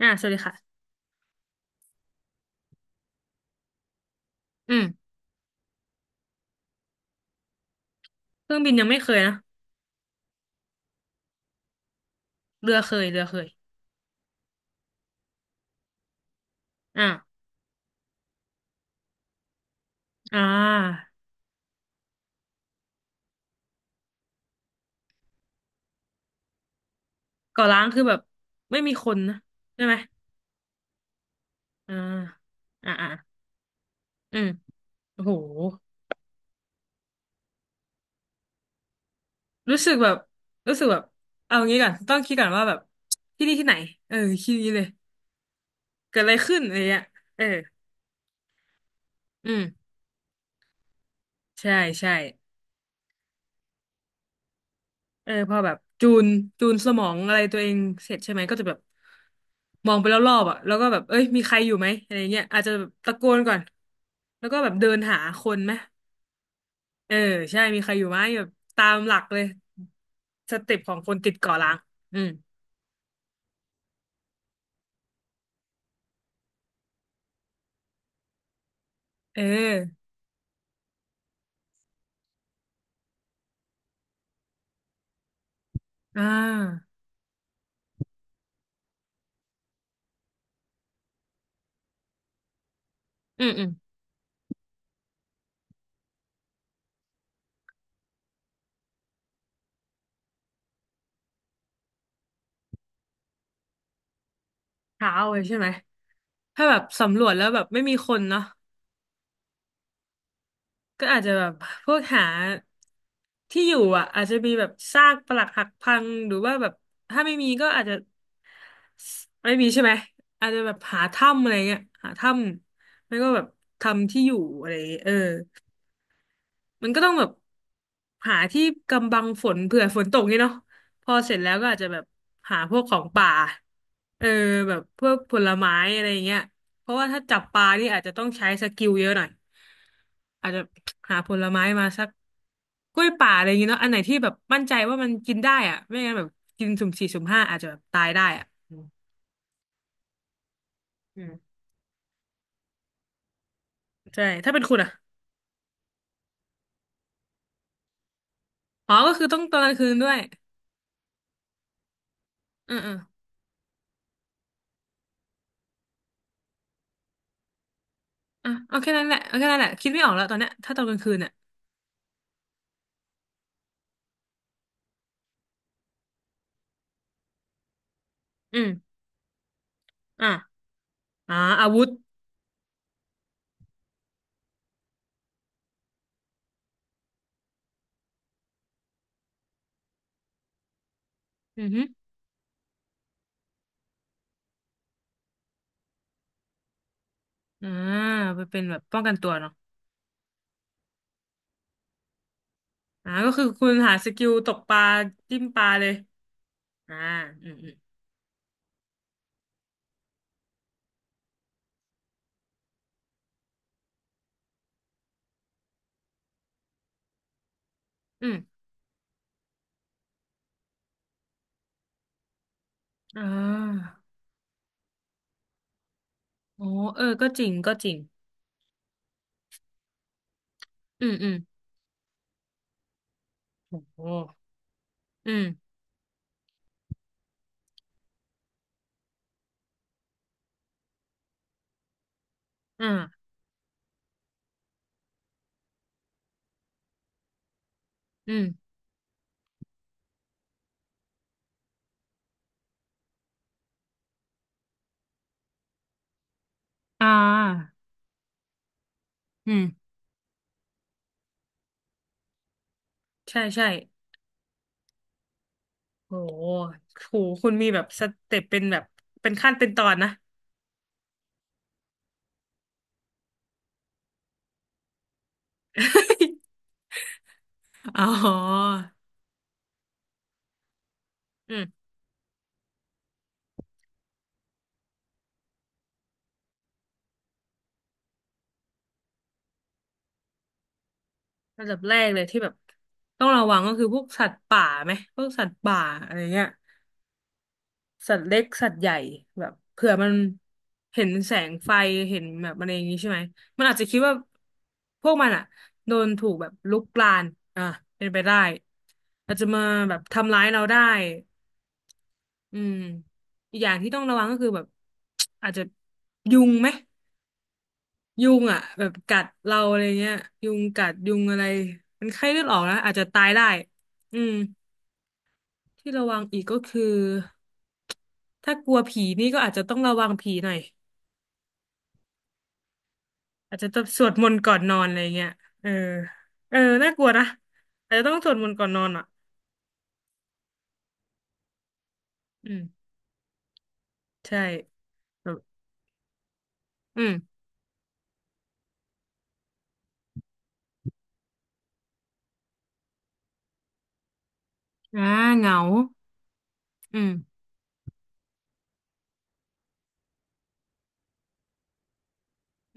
สวัสดีค่ะอืมเครื่องบินยังไม่เคยนะเรือเคยอ่าอ่าเกาะล้างคือแบบไม่มีคนนะใช่ไหมอ่าอ่าอืมโอ้โหรู้สึกแบบรู้สึกแบบเอางี้ก่อนต้องคิดก่อนว่าแบบที่นี่ที่ไหนเออคิดอย่างนี้เลย เกิดอะไรขึ้นอะไรเงี้ยเอออืมใช่ใช่ เออพอแบบจูนจูนสมองอะไรตัวเองเสร็จใช่ไหมก็จะแบบมองไปรอบๆอ่ะแล้วก็แบบเอ้ยมีใครอยู่ไหมอะไรเงี้ยอาจจะแบบตะโกนก่อนแล้วก็แบบเดินหาคนไหมเออใช่มีใครอยู่ไหมแบบตามหลักเลยสเต็ปของคนติดเกาะล้างอืมเอออ่าอืมอืมเช้าเลยใช่ไหมถ้าแบบสำรวจแล้วแบบไม่มีคนเนาะก็อาจจะแบบพวกหาที่อยู่อ่ะอาจจะมีแบบซากปรักหักพังหรือว่าแบบถ้าไม่มีก็อาจจะ ไม่มีใช่ไหมอาจจะแบบหาถ้ำอะไรเงี้ยหาถ้ำไม่ก็แบบทำที่อยู่อะไรอย่างเงี้ยเออมันก็ต้องแบบหาที่กำบังฝนเผื่อฝนตกนี่เนาะพอเสร็จแล้วก็อาจจะแบบหาพวกของป่าเออแบบพวกผลไม้อะไรอย่างเงี้ยเพราะว่าถ้าจับปลานี่อาจจะต้องใช้สกิลเยอะหน่อยอาจจะหาผลไม้มาสักกล้วยป่าอะไรอย่างเงี้ยเนาะอันไหนที่แบบมั่นใจว่ามันกินได้อะไม่งั้นแบบกินสุ่มสี่สุ่มห้าอาจจะแบบตายได้อะอืม ใช่ถ้าเป็นคุณอ่ะอ๋อก็คือต้องตอนกลางคืนด้วยอืออืออ่ะเอาแค่นั้นแหละเอาแค่นั้นแหละคิดไม่ออกแล้วตอนเนี้ยถ้าตอนกลางคืนอ่ะอืมอ่ะอ่าอาวุธอือฮึอ่าไปเป็นแบบป้องกันตัวเนาะก็คือคุณหาสกิลตกปลาจิ้มปลาเลยอ่าอืมอืมอืมอ่าโอ้เออก็จริงก็จริงอืมอืมโอ้โหอืมอ่าอืมอ่าอืมใช่ใช่โอ้โหโหคุณมีแบบสเต็ปเป็นแบบเป็นขั้นเป็นตอนนะ อ๋ออืมระดับแรกเลยที่แบบต้องระวังก็คือพวกสัตว์ป่าไหมพวกสัตว์ป่าอะไรเงี้ยสัตว์เล็กสัตว์ใหญ่แบบเผื่อมันเห็นแสงไฟเห็นแบบอะไรอย่างงี้ใช่ไหมมันอาจจะคิดว่าพวกมันอะโดนถูกแบบลุกลานอ่ะเป็นไปได้อาจจะมาแบบทำร้ายเราได้อืมอีกอย่างที่ต้องระวังก็คือแบบ อาจจะยุงไหม ยุงอ่ะแบบกัดเราอะไรเงี้ยยุงกัดยุงอะไรมันไข้เลือดออกนะอาจจะตายได้อืมที่ระวังอีกก็คือถ้ากลัวผีนี่ก็อาจจะต้องระวังผีหน่อยอาจจะต้องสวดมนต์ก่อนนอนอะไรเงี้ยเออเออน่ากลัวนะอาจจะต้องสวดมนต์ก่อนนอนอ่ะอืมใช่แบบอืมอ่าเหงาอืม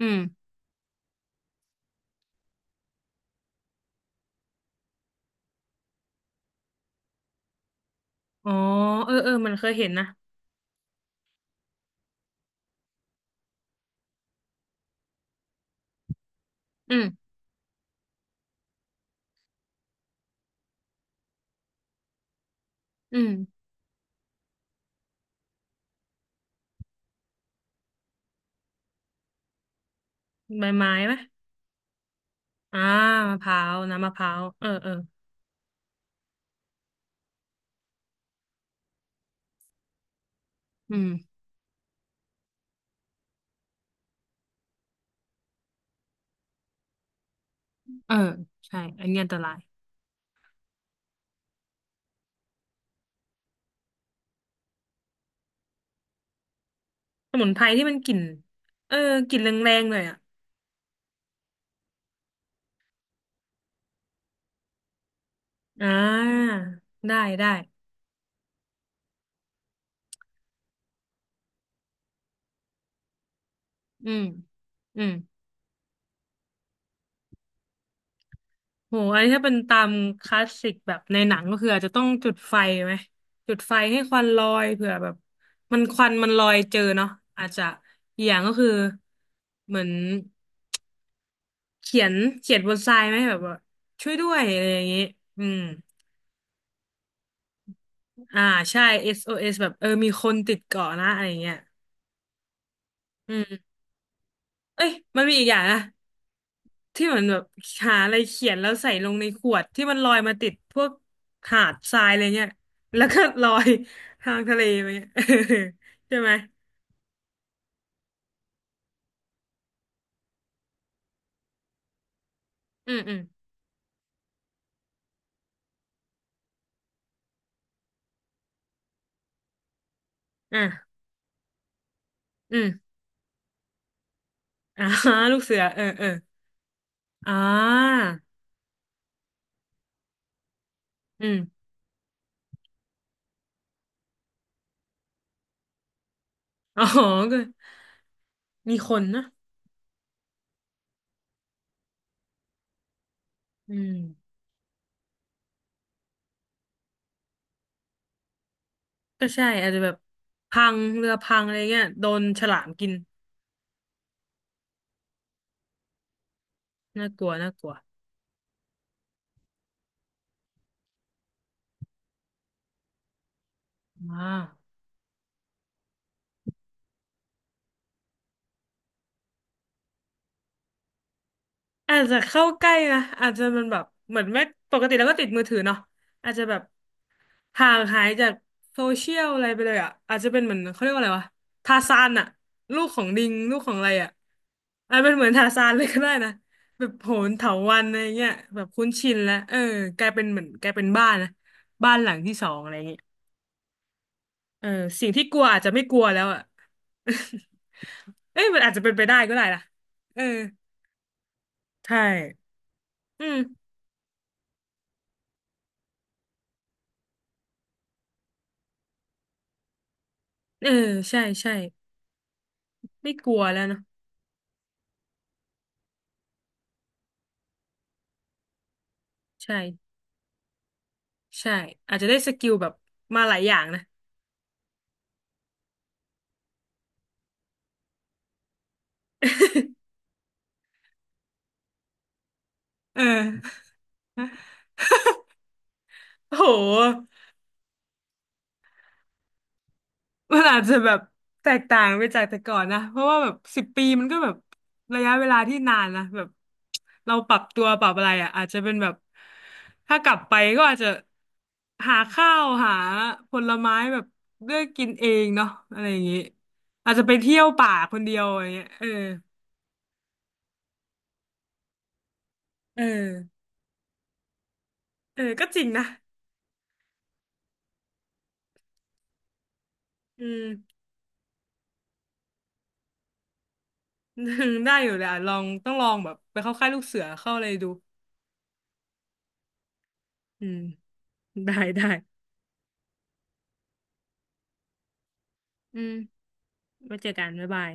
อืมอ๋อเออเออมันเคยเห็นนะอืมอืมใบไม้ไหมอ่ามะพร้าวน้ำมะพร้าวเออเอออืม เออใช่อันนี้อันตรายสมุนไพรที่มันกลิ่นเออกลิ่นแรงๆเลยอ่ะอ่าได้ได้อืมอืมโหอันนี้ถ้าเป็นตามคลาสสิกแบบในหนังก็คืออาจจะต้องจุดไฟไหมจุดไฟให้ควันลอยเผื่อแบบมันควันมันลอยเจอเนาะอาจจะอกอย่างก็คือเหมือนเขียนเขียนบนทรายไหมแบบว่าช่วยด้วยอะไรอย่างนี้อืมอ่าใช่ SOS แบบเออมีคนติดเกาะนะอะไรอย่างเงี้ยอืม เอ้ยมันมีอีกอย่างนะที่เหมือนแบบหาอะไรเขียนแล้วใส่ลงในขวดที่มันลอยมาติดพวกหาดทรายอะไรเงี้ยแล้วก็ลอย ทางทะเลไปเงี้ย ใช่ไหมอืมอืมอ่ะอืมอ่า ลูกเสือเออเอออ่าอืม อ๋อก็มีคนนะ อืมก็ใช่อาจจะแบบพังเรือพังอะไรเงี้ยโดนฉลามกินน่ากลัวน่ากลัวอ่า อาจจะเข้าใกล้นะอาจจะมันแบบเหมือนไม่ปกติแล้วก็ติดมือถือเนาะอาจจะแบบห่างหายจากโซเชียลอะไรไปเลยอ่ะอาจจะเป็นเหมือนเขาเรียกว่าอะไรวะทาซานอ่ะลูกของลิงลูกของอะไรอ่ะอาจเป็นเหมือนทาซานเลยก็ได้นะแบบโหนเถาวัลย์อะไรเงี้ยแบบคุ้นชินแล้วเออกลายเป็นเหมือนกลายเป็นบ้านนะบ้านหลังที่สองอะไรเงี้ยเออสิ่งที่กลัวอาจจะไม่กลัวแล้วอ่ะ เอ้ยมันอาจจะเป็นไปได้ก็ได้นะเออใช่อืมเออใช่ใช่ ไม่กลัวแล้วเนาะใช่ใช่อาจจะได้สกิลแบบมาหลายอย่างนะ เออ โอ้โหมันอาจจะแบบแตกต่างไปจากแต่ก่อนนะเพราะว่าแบบ10 ปีมันก็แบบระยะเวลาที่นานนะแบบเราปรับตัวปรับอะไรอ่ะอาจจะเป็นแบบถ้ากลับไปก็อาจจะหาข้าวหาผลไม้แบบเลือกกินเองเนาะอะไรอย่างงี้อาจจะไปเที่ยวป่าคนเดียวอะไรเงี้ยเออเออเออก็จริงนะอืม ได้อยู่แลยอ่ะลองต้องลองแบบไปเข้าค่ายลูกเสือเข้าอะไรดูอืมได้ได้อืมไว้เจอกันบ๊ายบาย